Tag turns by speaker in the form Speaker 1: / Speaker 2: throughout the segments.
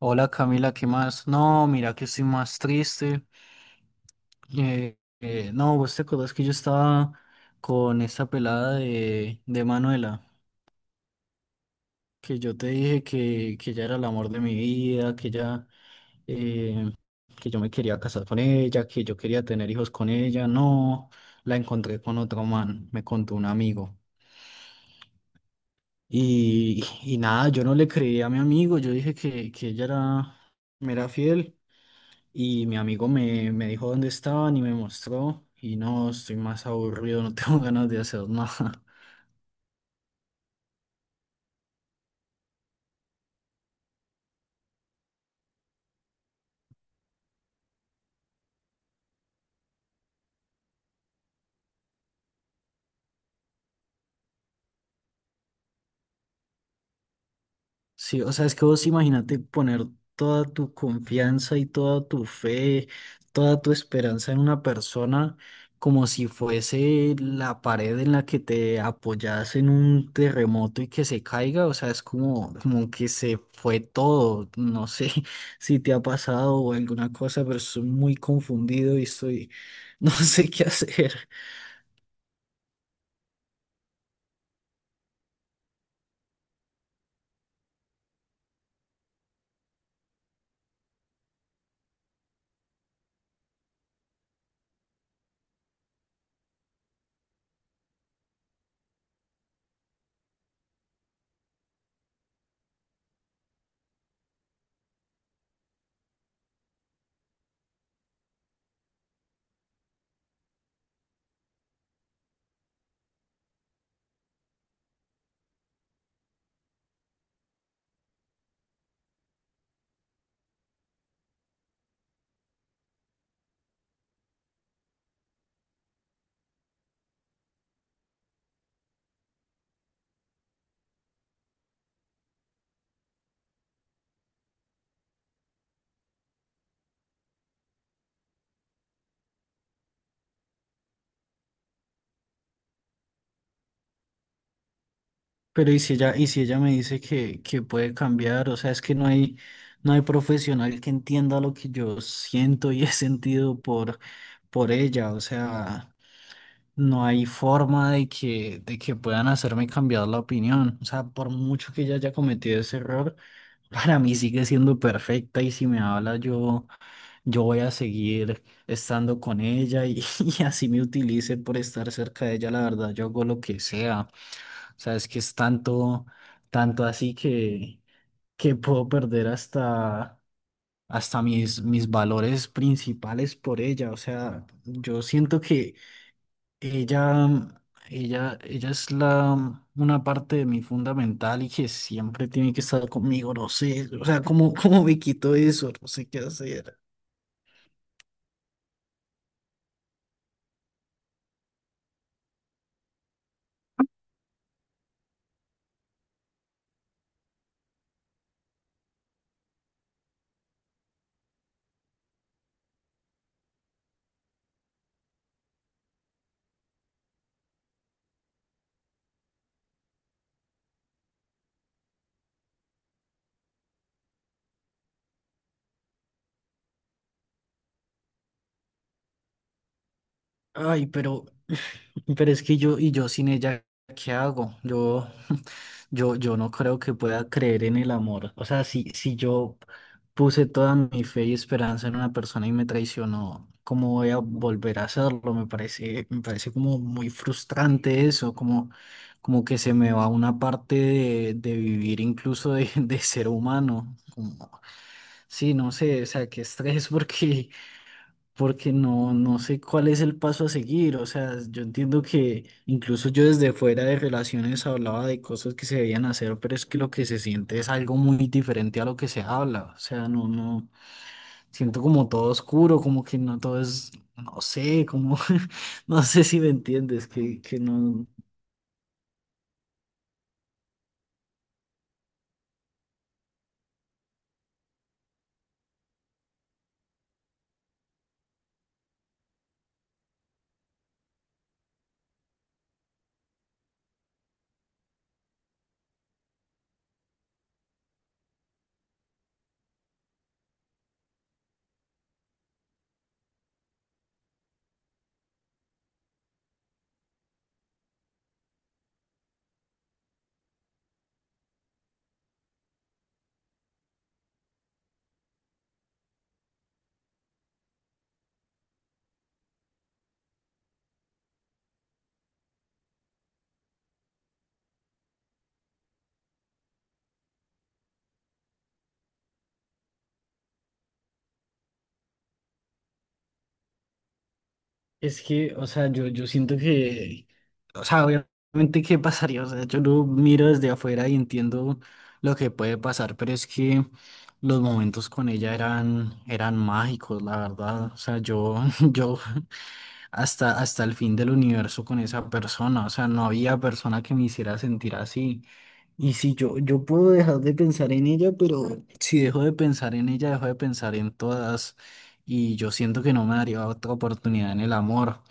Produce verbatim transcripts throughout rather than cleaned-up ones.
Speaker 1: Hola Camila, ¿qué más? No, mira que estoy más triste. Eh, eh, no, vos te acordás que yo estaba con esta pelada de, de Manuela, que yo te dije que, que ella era el amor de mi vida, que ella, eh, que yo me quería casar con ella, que yo quería tener hijos con ella. No, la encontré con otro man, me contó un amigo. Y, y nada, yo no le creí a mi amigo, yo dije que, que ella era, me era fiel. Y mi amigo me, me dijo dónde estaban y me mostró. Y no, estoy más aburrido, no tengo ganas de hacer nada. Sí, o sea, es que vos imagínate poner toda tu confianza y toda tu fe, toda tu esperanza en una persona como si fuese la pared en la que te apoyas en un terremoto y que se caiga, o sea, es como, como que se fue todo, no sé si te ha pasado o alguna cosa, pero estoy muy confundido y estoy, no sé qué hacer. Pero y si ella, y si ella me dice que, que puede cambiar, o sea, es que no hay, no hay profesional que entienda lo que yo siento y he sentido por, por ella, o sea, no hay forma de que, de que puedan hacerme cambiar la opinión, o sea, por mucho que ella haya cometido ese error, para mí sigue siendo perfecta y si me habla yo, yo voy a seguir estando con ella y, y así me utilice por estar cerca de ella, la verdad, yo hago lo que sea. O sea, es que es tanto, tanto así que, que puedo perder hasta, hasta mis, mis valores principales por ella. O sea, yo siento que ella, ella, ella es la, una parte de mí fundamental y que siempre tiene que estar conmigo. No sé, o sea, ¿cómo, cómo me quito eso? No sé qué hacer. Ay, pero Pero es que yo, y yo sin ella, ¿qué hago? Yo, yo, yo no creo que pueda creer en el amor. O sea, si, si yo puse toda mi fe y esperanza en una persona y me traicionó, ¿cómo voy a volver a hacerlo? Me parece, me parece como muy frustrante eso, como, como que se me va una parte de, de vivir incluso de, de ser humano. Como, sí, no sé, o sea, qué estrés, porque porque no, no sé cuál es el paso a seguir. O sea, yo entiendo que incluso yo desde fuera de relaciones hablaba de cosas que se debían hacer, pero es que lo que se siente es algo muy diferente a lo que se habla. O sea, no, no, siento como todo oscuro, como que no todo es, no sé, como, no sé si me entiendes, que, que no. Es que, o sea, yo, yo siento que, o sea, obviamente qué pasaría, o sea, yo lo miro desde afuera y entiendo lo que puede pasar, pero es que los momentos con ella eran, eran mágicos, la verdad, o sea, yo, yo hasta, hasta el fin del universo con esa persona, o sea, no había persona que me hiciera sentir así. Y si yo, yo puedo dejar de pensar en ella, pero si dejo de pensar en ella, dejo de pensar en todas. Y yo siento que no me daría otra oportunidad en el amor.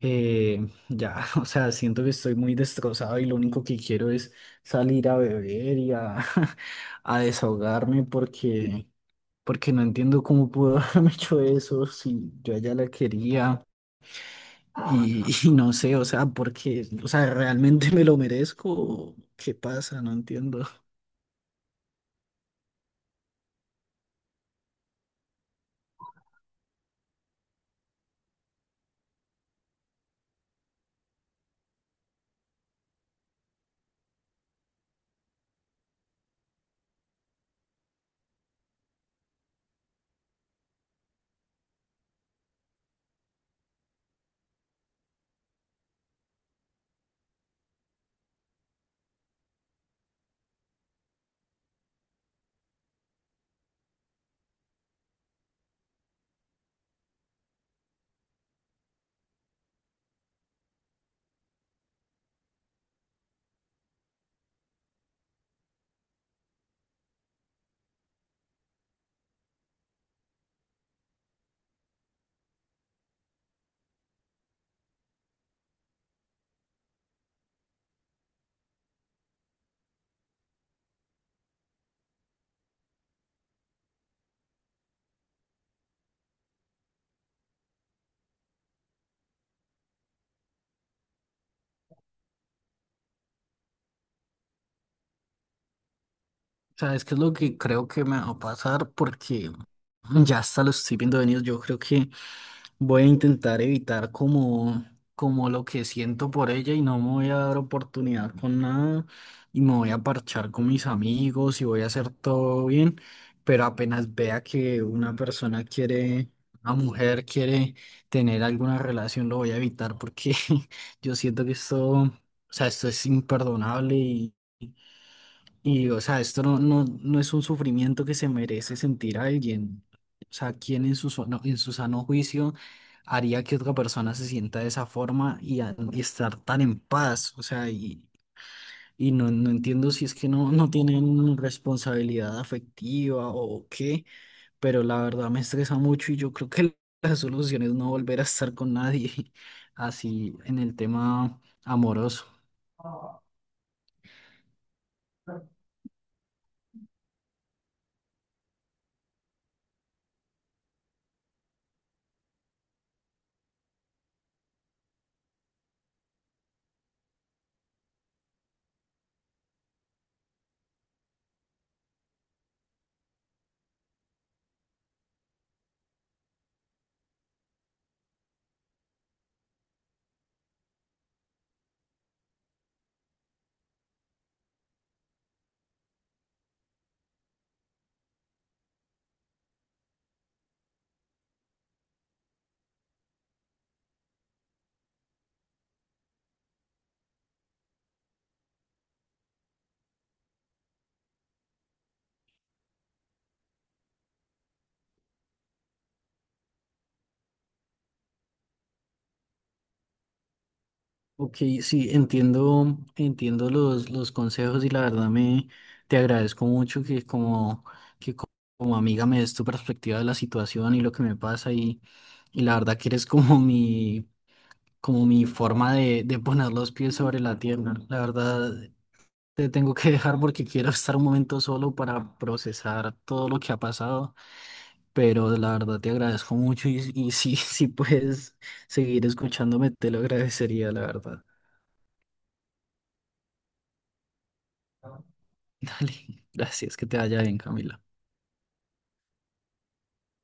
Speaker 1: Eh, ya, o sea, siento que estoy muy destrozado y lo único que quiero es salir a beber y a, a desahogarme porque, porque no entiendo cómo pudo haberme hecho eso si yo a ella la quería y, y no sé, o sea, porque, o sea, ¿realmente me lo merezco? O ¿qué pasa? No entiendo. O sea, es que es lo que creo que me va a pasar porque ya hasta lo estoy viendo venir. Yo creo que voy a intentar evitar como, como lo que siento por ella y no me voy a dar oportunidad con nada y me voy a parchar con mis amigos y voy a hacer todo bien, pero apenas vea que una persona quiere, una mujer quiere tener alguna relación, lo voy a evitar porque yo siento que esto, o sea, esto es imperdonable y y, o sea, esto no, no, no es un sufrimiento que se merece sentir a alguien. O sea, ¿quién en su, so- no en su sano juicio haría que otra persona se sienta de esa forma y, a- y estar tan en paz? O sea, y, y no, no entiendo si es que no, no tienen responsabilidad afectiva o qué, pero la verdad me estresa mucho y yo creo que la solución es no volver a estar con nadie así en el tema amoroso. Ok, sí, entiendo, entiendo los, los consejos y la verdad me te agradezco mucho que como, que co- como amiga me des tu perspectiva de la situación y lo que me pasa y, y la verdad que eres como mi, como mi forma de, de poner los pies sobre la tierra. La verdad te tengo que dejar porque quiero estar un momento solo para procesar todo lo que ha pasado, pero la verdad te agradezco mucho y, y si, si puedes seguir escuchándome te lo agradecería, la verdad. Dale, gracias, que te vaya bien, Camila.